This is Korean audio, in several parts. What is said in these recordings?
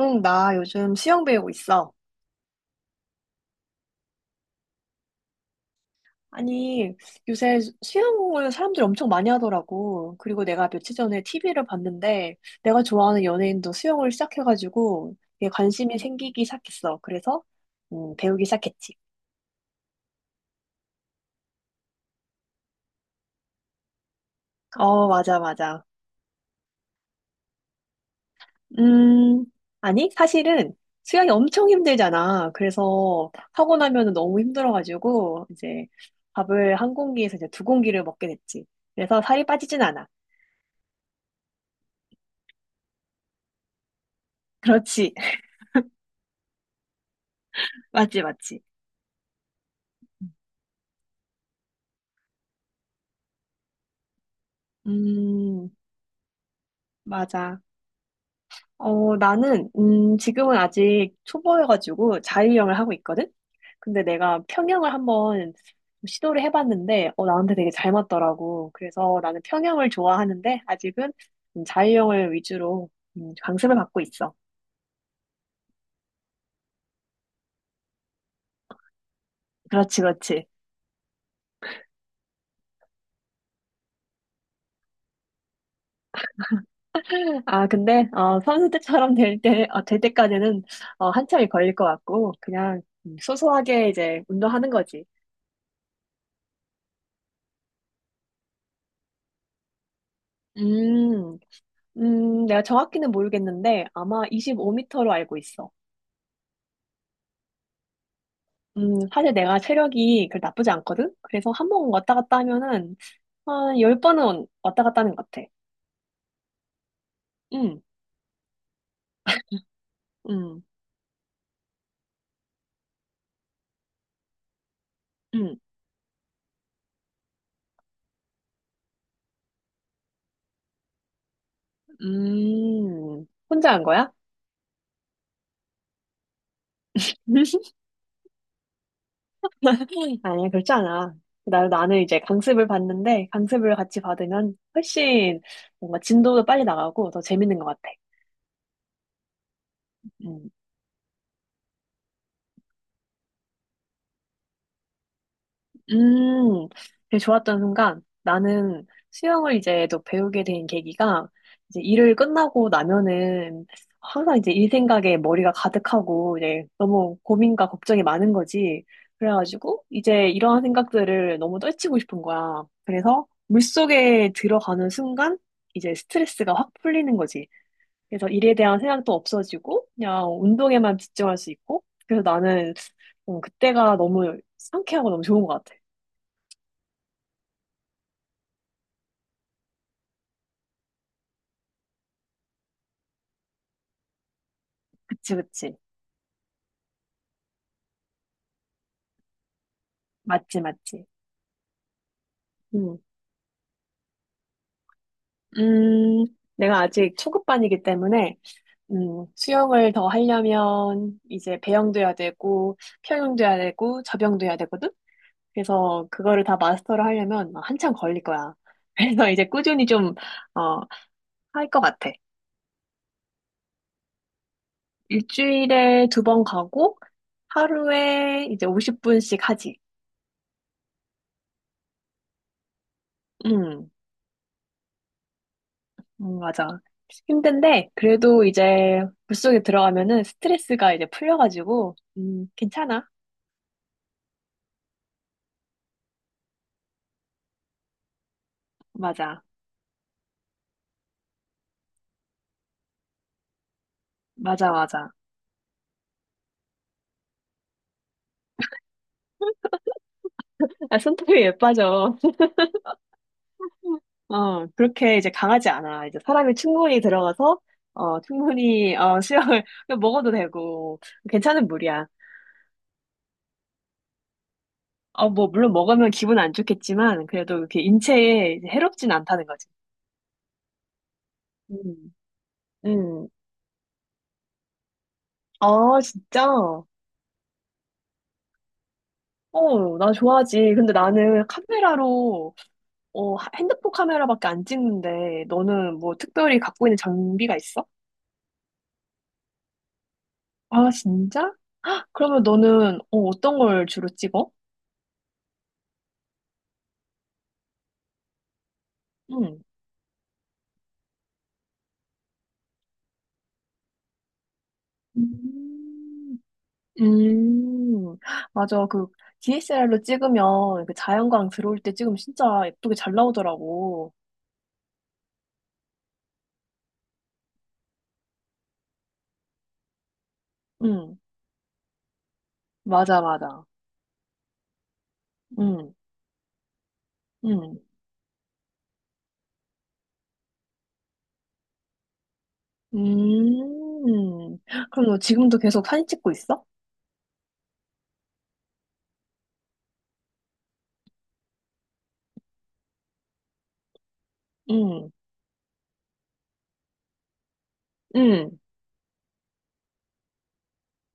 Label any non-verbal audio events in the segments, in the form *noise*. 응, 나 요즘 수영 배우고 있어. 아니, 요새 수영을 사람들이 엄청 많이 하더라고. 그리고 내가 며칠 전에 TV를 봤는데, 내가 좋아하는 연예인도 수영을 시작해가지고, 이게 관심이 생기기 시작했어. 그래서, 배우기 시작했지. 어, 맞아, 맞아. 음, 아니, 사실은 수영이 엄청 힘들잖아. 그래서 하고 나면 은 너무 힘들어가지고, 이제 밥을 한 공기에서 이제 두 공기를 먹게 됐지. 그래서 살이 빠지진 않아. 그렇지. *laughs* 맞지, 맞지. 음, 맞아. 어, 나는, 지금은 아직 초보여가지고 자유형을 하고 있거든? 근데 내가 평형을 한번 시도를 해봤는데, 나한테 되게 잘 맞더라고. 그래서 나는 평형을 좋아하는데, 아직은 자유형을 위주로 강습을 받고 있어. 그렇지, 그렇지. 아, 근데, 선수 때처럼 될 때, 될 때까지는, 한참이 걸릴 것 같고, 그냥 소소하게 이제 운동하는 거지. 음. 내가 정확히는 모르겠는데 아마 25m로 알고 있어. 사실 내가 체력이 그 나쁘지 않거든? 그래서 한 번 왔다 갔다 하면은 한 10번은 왔다 갔다 하는 것 같아. 음, 음, 음, 혼자 한 거야? *laughs* 아니야, 그렇지 않아. 나는 이제 강습을 받는데 강습을 같이 받으면 훨씬 뭔가 진도도 빨리 나가고 더 재밌는 것 같아. 응. 음, 되게 좋았던 순간, 나는 수영을 이제 또 배우게 된 계기가, 이제 일을 끝나고 나면은 항상 이제 일 생각에 머리가 가득하고, 이제 너무 고민과 걱정이 많은 거지. 그래가지고, 이제 이러한 생각들을 너무 떨치고 싶은 거야. 그래서 물속에 들어가는 순간, 이제 스트레스가 확 풀리는 거지. 그래서 일에 대한 생각도 없어지고, 그냥 운동에만 집중할 수 있고, 그래서 나는 그때가 너무 상쾌하고 너무 좋은 것 같아. 그치, 그치. 맞지, 맞지. 음. 음, 내가 아직 초급반이기 때문에, 수영을 더 하려면 이제 배영도 해야 되고, 평영도 해야 되고, 접영도 해야 되거든? 그래서 그거를 다 마스터를 하려면 막 한참 걸릴 거야. *laughs* 그래서 이제 꾸준히 좀, 어, 할 것 같아. 일주일에 두 번 가고, 하루에 이제 50분씩 하지. 음. 맞아. 힘든데, 그래도 이제 물속에 들어가면은 스트레스가 이제 풀려가지고, 괜찮아. 맞아. 맞아, 맞아. 아, 손톱이 예뻐져. 어, 그렇게 이제 강하지 않아. 이제 사람이 충분히 들어가서, 충분히, 수영을 *laughs* 그냥 먹어도 되고, 괜찮은 물이야. 어, 뭐, 물론 먹으면 기분 안 좋겠지만, 그래도 이렇게 인체에 이제 해롭진 않다는 거지. 음, 음. 아, 진짜? 어, 나 좋아하지. 근데 나는 카메라로 핸드폰 카메라밖에 안 찍는데 너는 뭐 특별히 갖고 있는 장비가 있어? 아, 진짜? 그러면 너는 어떤 걸 주로 찍어? 응. 음, 음, 맞아. 그 DSLR로 찍으면 그 자연광 들어올 때 찍으면 진짜 예쁘게 잘 나오더라고. 응, 맞아, 맞아. 응, 응, 음. 그럼 너 지금도 계속 사진 찍고 있어? 응, 응,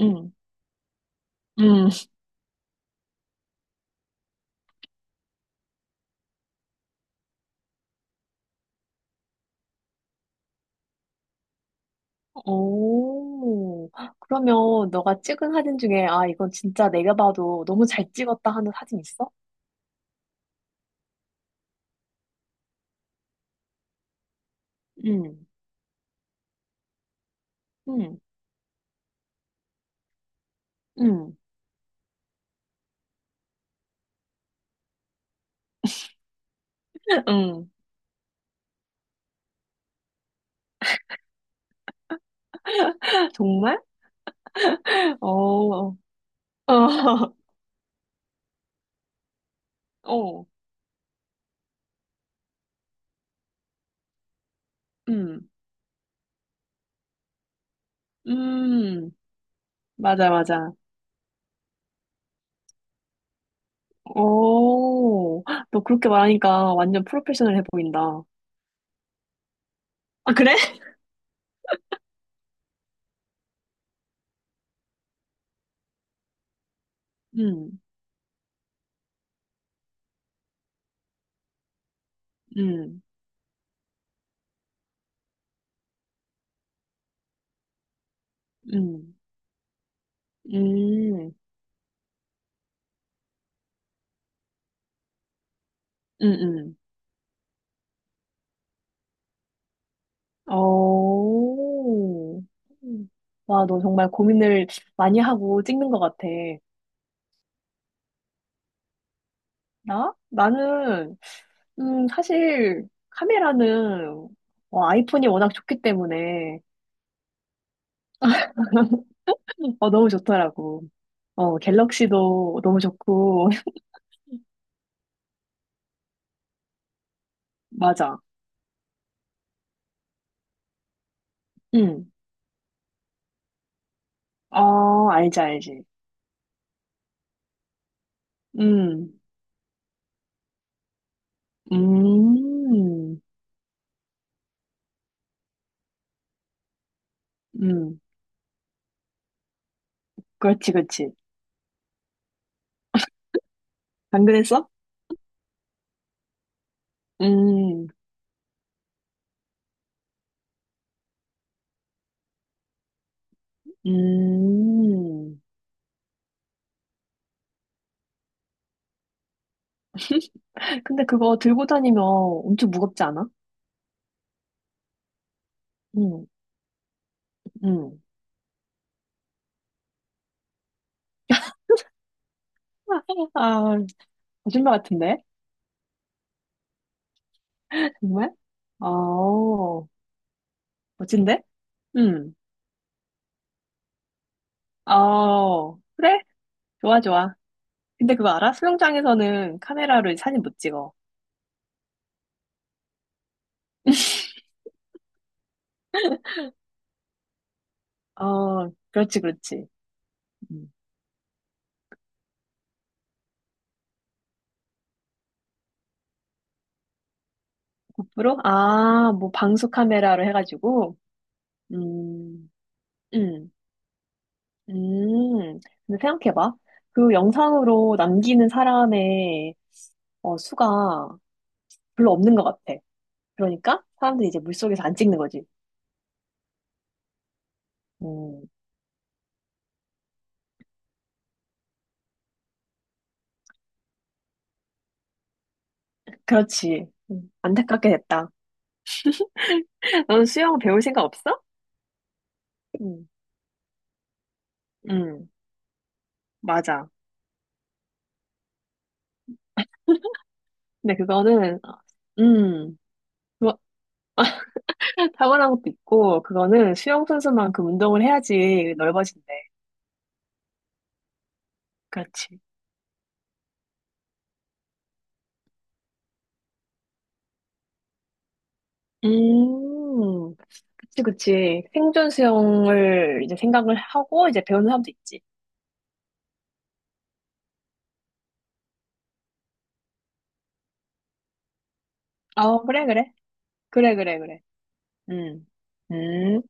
응, 응. 오, 그러면 너가 찍은 사진 중에, 아, 이건 진짜 내가 봐도 너무 잘 찍었다 하는 사진 있어? 응, 응, 응, *laughs* 응. 정말? 어, 어, *laughs* 어, 음, 음, 맞아, 맞아. 오, 너 그렇게 말하니까 완전 프로페셔널해 보인다. 아, 그래? 응, 응, 응, 음 응, 응. 어. 음. 와, 너 정말 고민을 많이 하고 찍는 것 같아. 나? 나는, 사실, 카메라는, 아이폰이 워낙 좋기 때문에, *laughs* 너무 좋더라고. 갤럭시도 너무 좋고, *laughs* 맞아. 응. 알지, 알지. 음, 음, 음. 그렇지, 그렇지. 당근했어? 음, 음. 근데 그거 들고 다니면 엄청 무겁지 않아? 응, 응. *laughs* 아, 거짓말 같은데? 정말? 어, 멋진데? 응. 어, 그래? 좋아, 좋아. 근데 그거 알아? 수영장에서는 카메라로 사진 못 찍어. 어, 그렇지, 그렇지. 음. 고프로? 아, 뭐 방수 카메라로 해가지고. 음, 음, 음. 근데 생각해봐. 그 영상으로 남기는 사람의 수가 별로 없는 것 같아. 그러니까 사람들이 이제 물속에서 안 찍는 거지. 음, 그렇지. 안타깝게 됐다. *laughs* 너는 수영 배울 생각 없어? 음, 음, 맞아. 근데 그거는, 음, 그거 *laughs* 타고난 것도 있고, 그거는 수영 선수만큼 운동을 해야지 넓어진대. 그렇지. 음, 그치, 그치. 생존 수영을 이제 생각을 하고 이제 배우는 사람도 있지. 어, 그래, 그래. 그래, 그래, 그래. 음, 음.